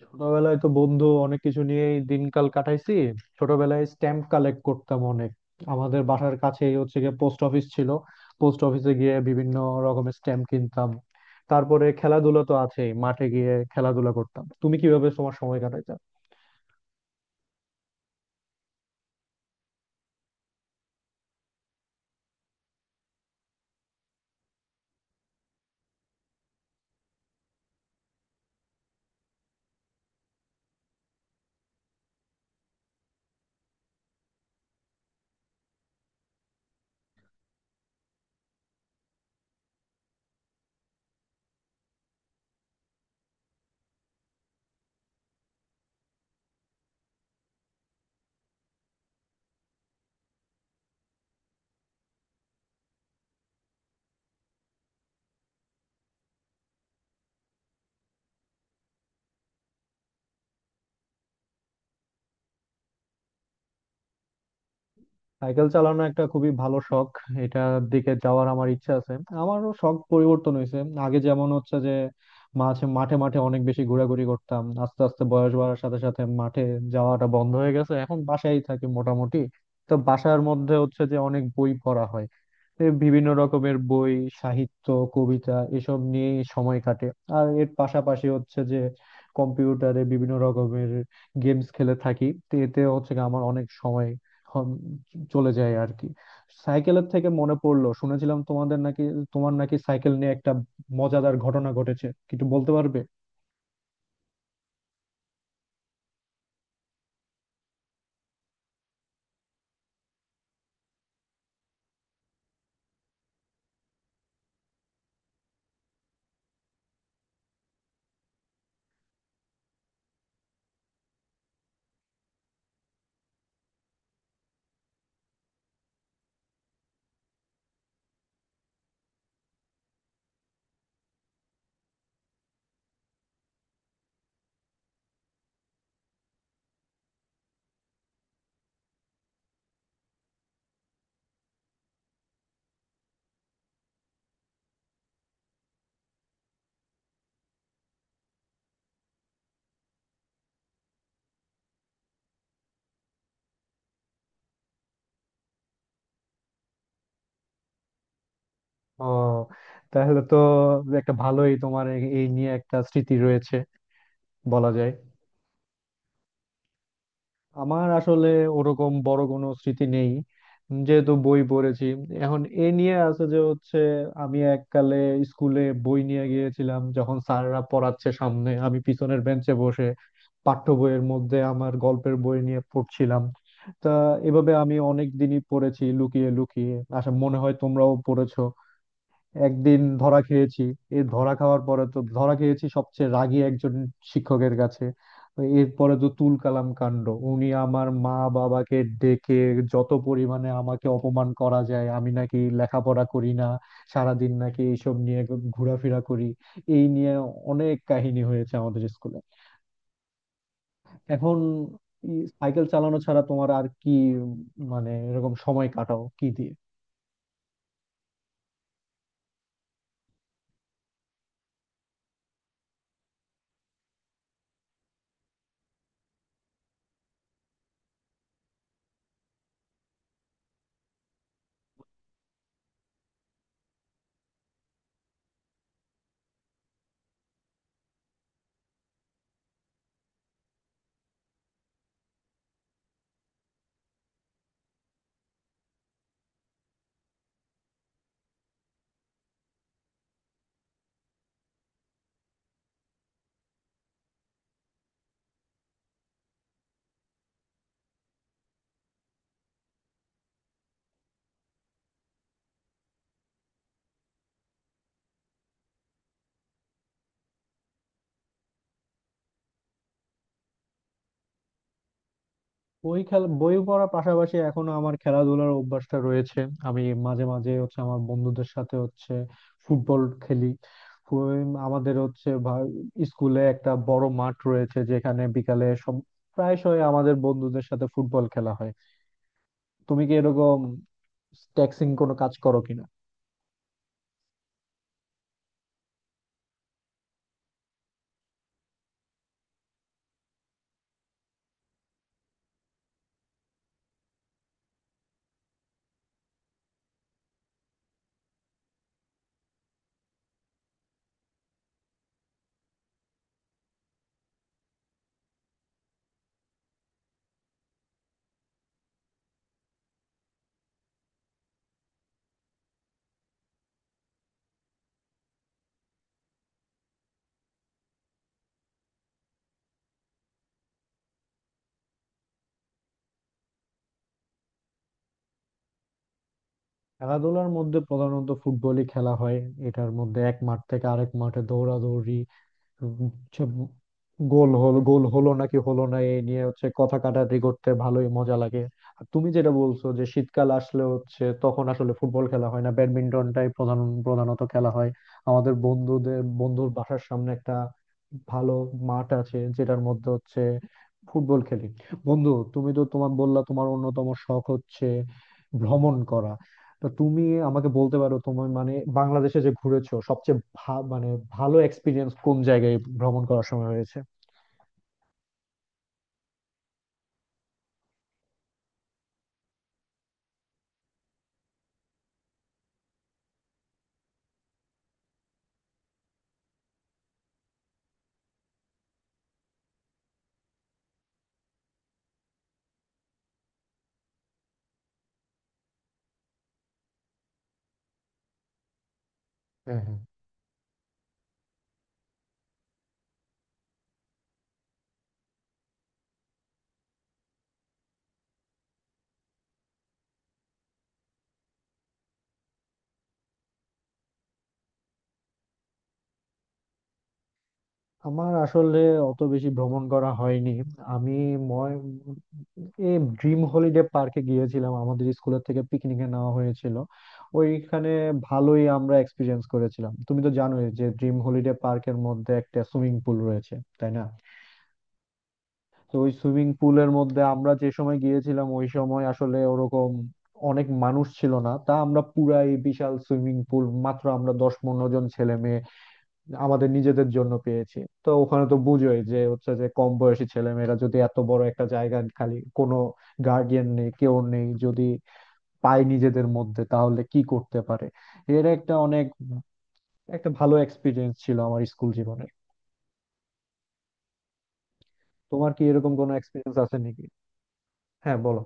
ছোটবেলায় তো বন্ধু অনেক কিছু নিয়েই দিনকাল কাটাইছি। ছোটবেলায় স্ট্যাম্প কালেক্ট করতাম অনেক। আমাদের বাসার কাছেই হচ্ছে গিয়ে পোস্ট অফিস ছিল, পোস্ট অফিসে গিয়ে বিভিন্ন রকমের স্ট্যাম্প কিনতাম। তারপরে খেলাধুলা তো আছেই, মাঠে গিয়ে খেলাধুলা করতাম। তুমি কিভাবে তোমার সময় কাটাইতে? সাইকেল চালানো একটা খুবই ভালো শখ, এটার দিকে যাওয়ার আমার ইচ্ছা আছে। আমারও শখ পরিবর্তন হয়েছে। আগে যেমন হচ্ছে যে মাঝে মাঠে মাঠে অনেক বেশি ঘোরাঘুরি করতাম, আস্তে আস্তে বয়স বাড়ার সাথে সাথে মাঠে যাওয়াটা বন্ধ হয়ে গেছে, এখন বাসায় থাকি মোটামুটি। তো বাসার মধ্যে হচ্ছে যে অনেক বই পড়া হয়, এ বিভিন্ন রকমের বই, সাহিত্য, কবিতা এসব নিয়েই সময় কাটে। আর এর পাশাপাশি হচ্ছে যে কম্পিউটারে বিভিন্ন রকমের গেমস খেলে থাকি, তো এতে হচ্ছে গিয়ে আমার অনেক সময় হম চলে যায় আর কি। সাইকেলের থেকে মনে পড়লো, শুনেছিলাম তোমাদের নাকি, তোমার নাকি সাইকেল নিয়ে একটা মজাদার ঘটনা ঘটেছে, কিছু বলতে পারবে? ও, তাহলে তো একটা ভালোই তোমার এই এই নিয়ে একটা স্মৃতি রয়েছে বলা যায়। আমার আসলে ওরকম বড় কোনো স্মৃতি নেই। যেহেতু বই পড়েছি এখন এ নিয়ে আছে যে হচ্ছে, আমি এককালে স্কুলে বই নিয়ে গিয়েছিলাম, যখন স্যাররা পড়াচ্ছে সামনে আমি পিছনের বেঞ্চে বসে পাঠ্য বইয়ের মধ্যে আমার গল্পের বই নিয়ে পড়ছিলাম। তা এভাবে আমি অনেক দিনই পড়েছি লুকিয়ে লুকিয়ে, আশা মনে হয় তোমরাও পড়েছো। একদিন ধরা খেয়েছি। এই ধরা খাওয়ার পরে তো ধরা খেয়েছি সবচেয়ে রাগী একজন শিক্ষকের কাছে। তো এরপরে তো তুল কালাম কাণ্ড, উনি আমার মা বাবাকে ডেকে যত পরিমাণে আমাকে অপমান করা যায়, আমি নাকি লেখাপড়া করি না, সারাদিন নাকি এইসব নিয়ে ঘোরাফেরা করি। এই নিয়ে অনেক কাহিনী হয়েছে আমাদের স্কুলে। এখন সাইকেল চালানো ছাড়া তোমার আর কি উম, মানে এরকম সময় কাটাও কি দিয়ে? বই খেলা বই পড়ার পাশাপাশি এখনো আমার খেলাধুলার অভ্যাসটা রয়েছে। আমি মাঝে মাঝে হচ্ছে আমার বন্ধুদের সাথে হচ্ছে ফুটবল খেলি। আমাদের হচ্ছে স্কুলে একটা বড় মাঠ রয়েছে, যেখানে বিকালে সব প্রায়শই আমাদের বন্ধুদের সাথে ফুটবল খেলা হয়। তুমি কি এরকম ট্যাক্সিং কোনো কাজ করো কিনা? খেলাধুলার মধ্যে প্রধানত ফুটবলই খেলা হয়, এটার মধ্যে এক মাঠ থেকে আরেক মাঠে দৌড়াদৌড়ি, হচ্ছে গোল হলো গোল হলো নাকি হলো না এই নিয়ে হচ্ছে কথা কাটাকাটি করতে ভালোই মজা লাগে। আর তুমি যেটা বলছো যে শীতকাল আসলে হচ্ছে, তখন আসলে ফুটবল খেলা হয় না, ব্যাডমিন্টনটাই প্রধান, প্রধানত খেলা হয়। আমাদের বন্ধুদের বন্ধুর বাসার সামনে একটা ভালো মাঠ আছে, যেটার মধ্যে হচ্ছে ফুটবল খেলি। বন্ধু, তুমি তো তোমার বললা তোমার অন্যতম শখ হচ্ছে ভ্রমণ করা, তো তুমি আমাকে বলতে পারো তুমি মানে বাংলাদেশে যে ঘুরেছো সবচেয়ে মানে ভালো এক্সপিরিয়েন্স কোন জায়গায় ভ্রমণ করার সময় হয়েছে? হ্যাঁ, হ্যাঁ। আমার আসলে অত বেশি ভ্রমণ করা হয়নি। আমি ময় এই ড্রিম হলিডে পার্কে গিয়েছিলাম, আমাদের স্কুলের থেকে পিকনিকে নেওয়া হয়েছিল ওইখানে। ভালোই আমরা এক্সপিরিয়েন্স করেছিলাম। তুমি তো জানোই যে ড্রিম হলিডে পার্কের মধ্যে একটা সুইমিং পুল রয়েছে, তাই না? তো ওই সুইমিং পুলের মধ্যে আমরা যে সময় গিয়েছিলাম, ওই সময় আসলে ওরকম অনেক মানুষ ছিল না, তা আমরা পুরা এই বিশাল সুইমিং পুল মাত্র আমরা 10-15 জন ছেলে আমাদের নিজেদের জন্য পেয়েছি। তো ওখানে তো বুঝোই যে হচ্ছে যে কম বয়সী ছেলে মেয়েরা যদি এত বড় একটা জায়গা খালি, কোনো গার্ডিয়ান নেই, কেউ নেই, যদি পায় নিজেদের মধ্যে, তাহলে কি করতে পারে। এর একটা অনেক একটা ভালো এক্সপিরিয়েন্স ছিল আমার স্কুল জীবনে। তোমার কি এরকম কোনো এক্সপিরিয়েন্স আছে নাকি? হ্যাঁ, বলো।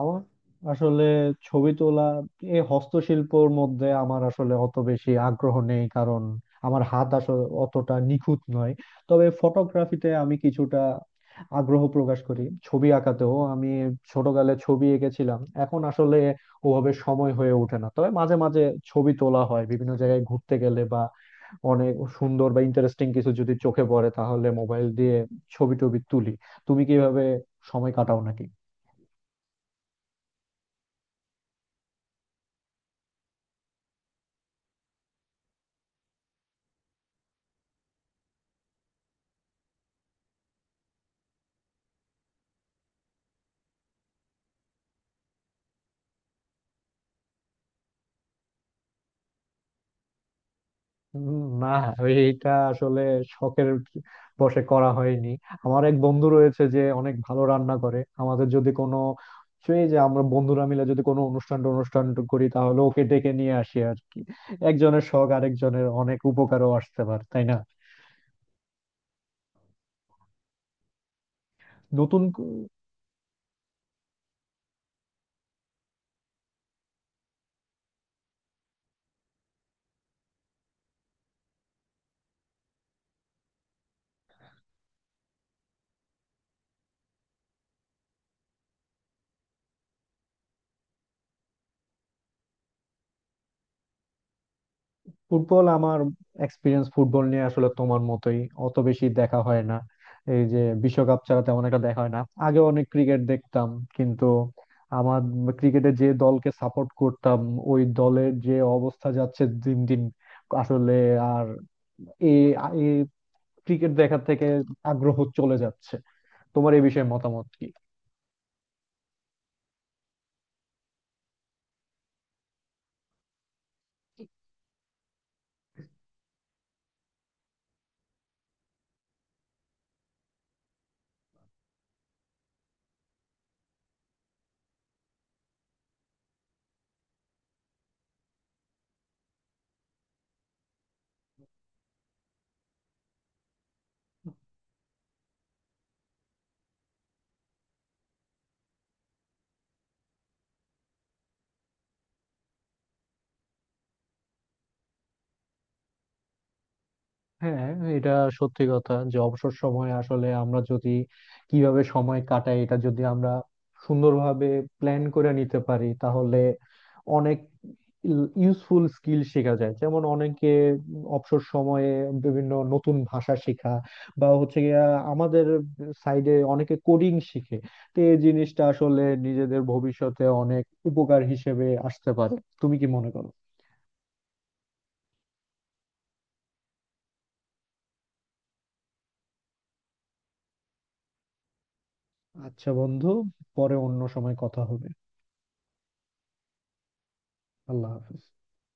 আমার আসলে ছবি তোলা এই হস্তশিল্পর মধ্যে আমার আসলে অত বেশি আগ্রহ নেই, কারণ আমার হাত আসলে অতটা নিখুঁত নয়। তবে ফটোগ্রাফিতে আমি কিছুটা আগ্রহ প্রকাশ করি, ছবি আঁকাতেও আমি ছোটকালে ছবি এঁকেছিলাম। এখন আসলে ওভাবে সময় হয়ে ওঠে না, তবে মাঝে মাঝে ছবি তোলা হয় বিভিন্ন জায়গায় ঘুরতে গেলে, বা অনেক সুন্দর বা ইন্টারেস্টিং কিছু যদি চোখে পড়ে, তাহলে মোবাইল দিয়ে ছবি টবি তুলি। তুমি কিভাবে সময় কাটাও নাকি? না, এইটা আসলে শখের বশে করা হয়নি। আমার এক বন্ধু রয়েছে যে অনেক ভালো রান্না করে, আমাদের যদি কোনো, সেই যে আমরা বন্ধুরা মিলে যদি কোনো অনুষ্ঠান অনুষ্ঠান করি তাহলে ওকে ডেকে নিয়ে আসি আর কি। একজনের শখ আরেকজনের অনেক উপকারও আসতে পারে, তাই না? নতুন ফুটবল আমার এক্সপিরিয়েন্স ফুটবল নিয়ে আসলে তোমার মতোই অত বেশি দেখা হয় না, এই যে বিশ্বকাপ ছাড়া তেমন একটা দেখা হয় না। আগে অনেক ক্রিকেট দেখতাম, কিন্তু আমার ক্রিকেটে যে দলকে সাপোর্ট করতাম ওই দলের যে অবস্থা যাচ্ছে দিন দিন আসলে, আর এ ক্রিকেট দেখার থেকে আগ্রহ চলে যাচ্ছে। তোমার এই বিষয়ে মতামত কি? হ্যাঁ, এটা সত্যি কথা যে অবসর সময়ে আসলে আমরা যদি কিভাবে সময় কাটাই, এটা যদি আমরা সুন্দরভাবে প্ল্যান করে নিতে পারি, তাহলে অনেক ইউজফুল স্কিল শেখা যায়। যেমন অনেকে অবসর সময়ে বিভিন্ন নতুন ভাষা শেখা, বা হচ্ছে গিয়া আমাদের সাইডে অনেকে কোডিং শিখে। তো এই জিনিসটা আসলে নিজেদের ভবিষ্যতে অনেক উপকার হিসেবে আসতে পারে, তুমি কি মনে করো? আচ্ছা বন্ধু, পরে অন্য সময় কথা হবে। আল্লাহ হাফেজ।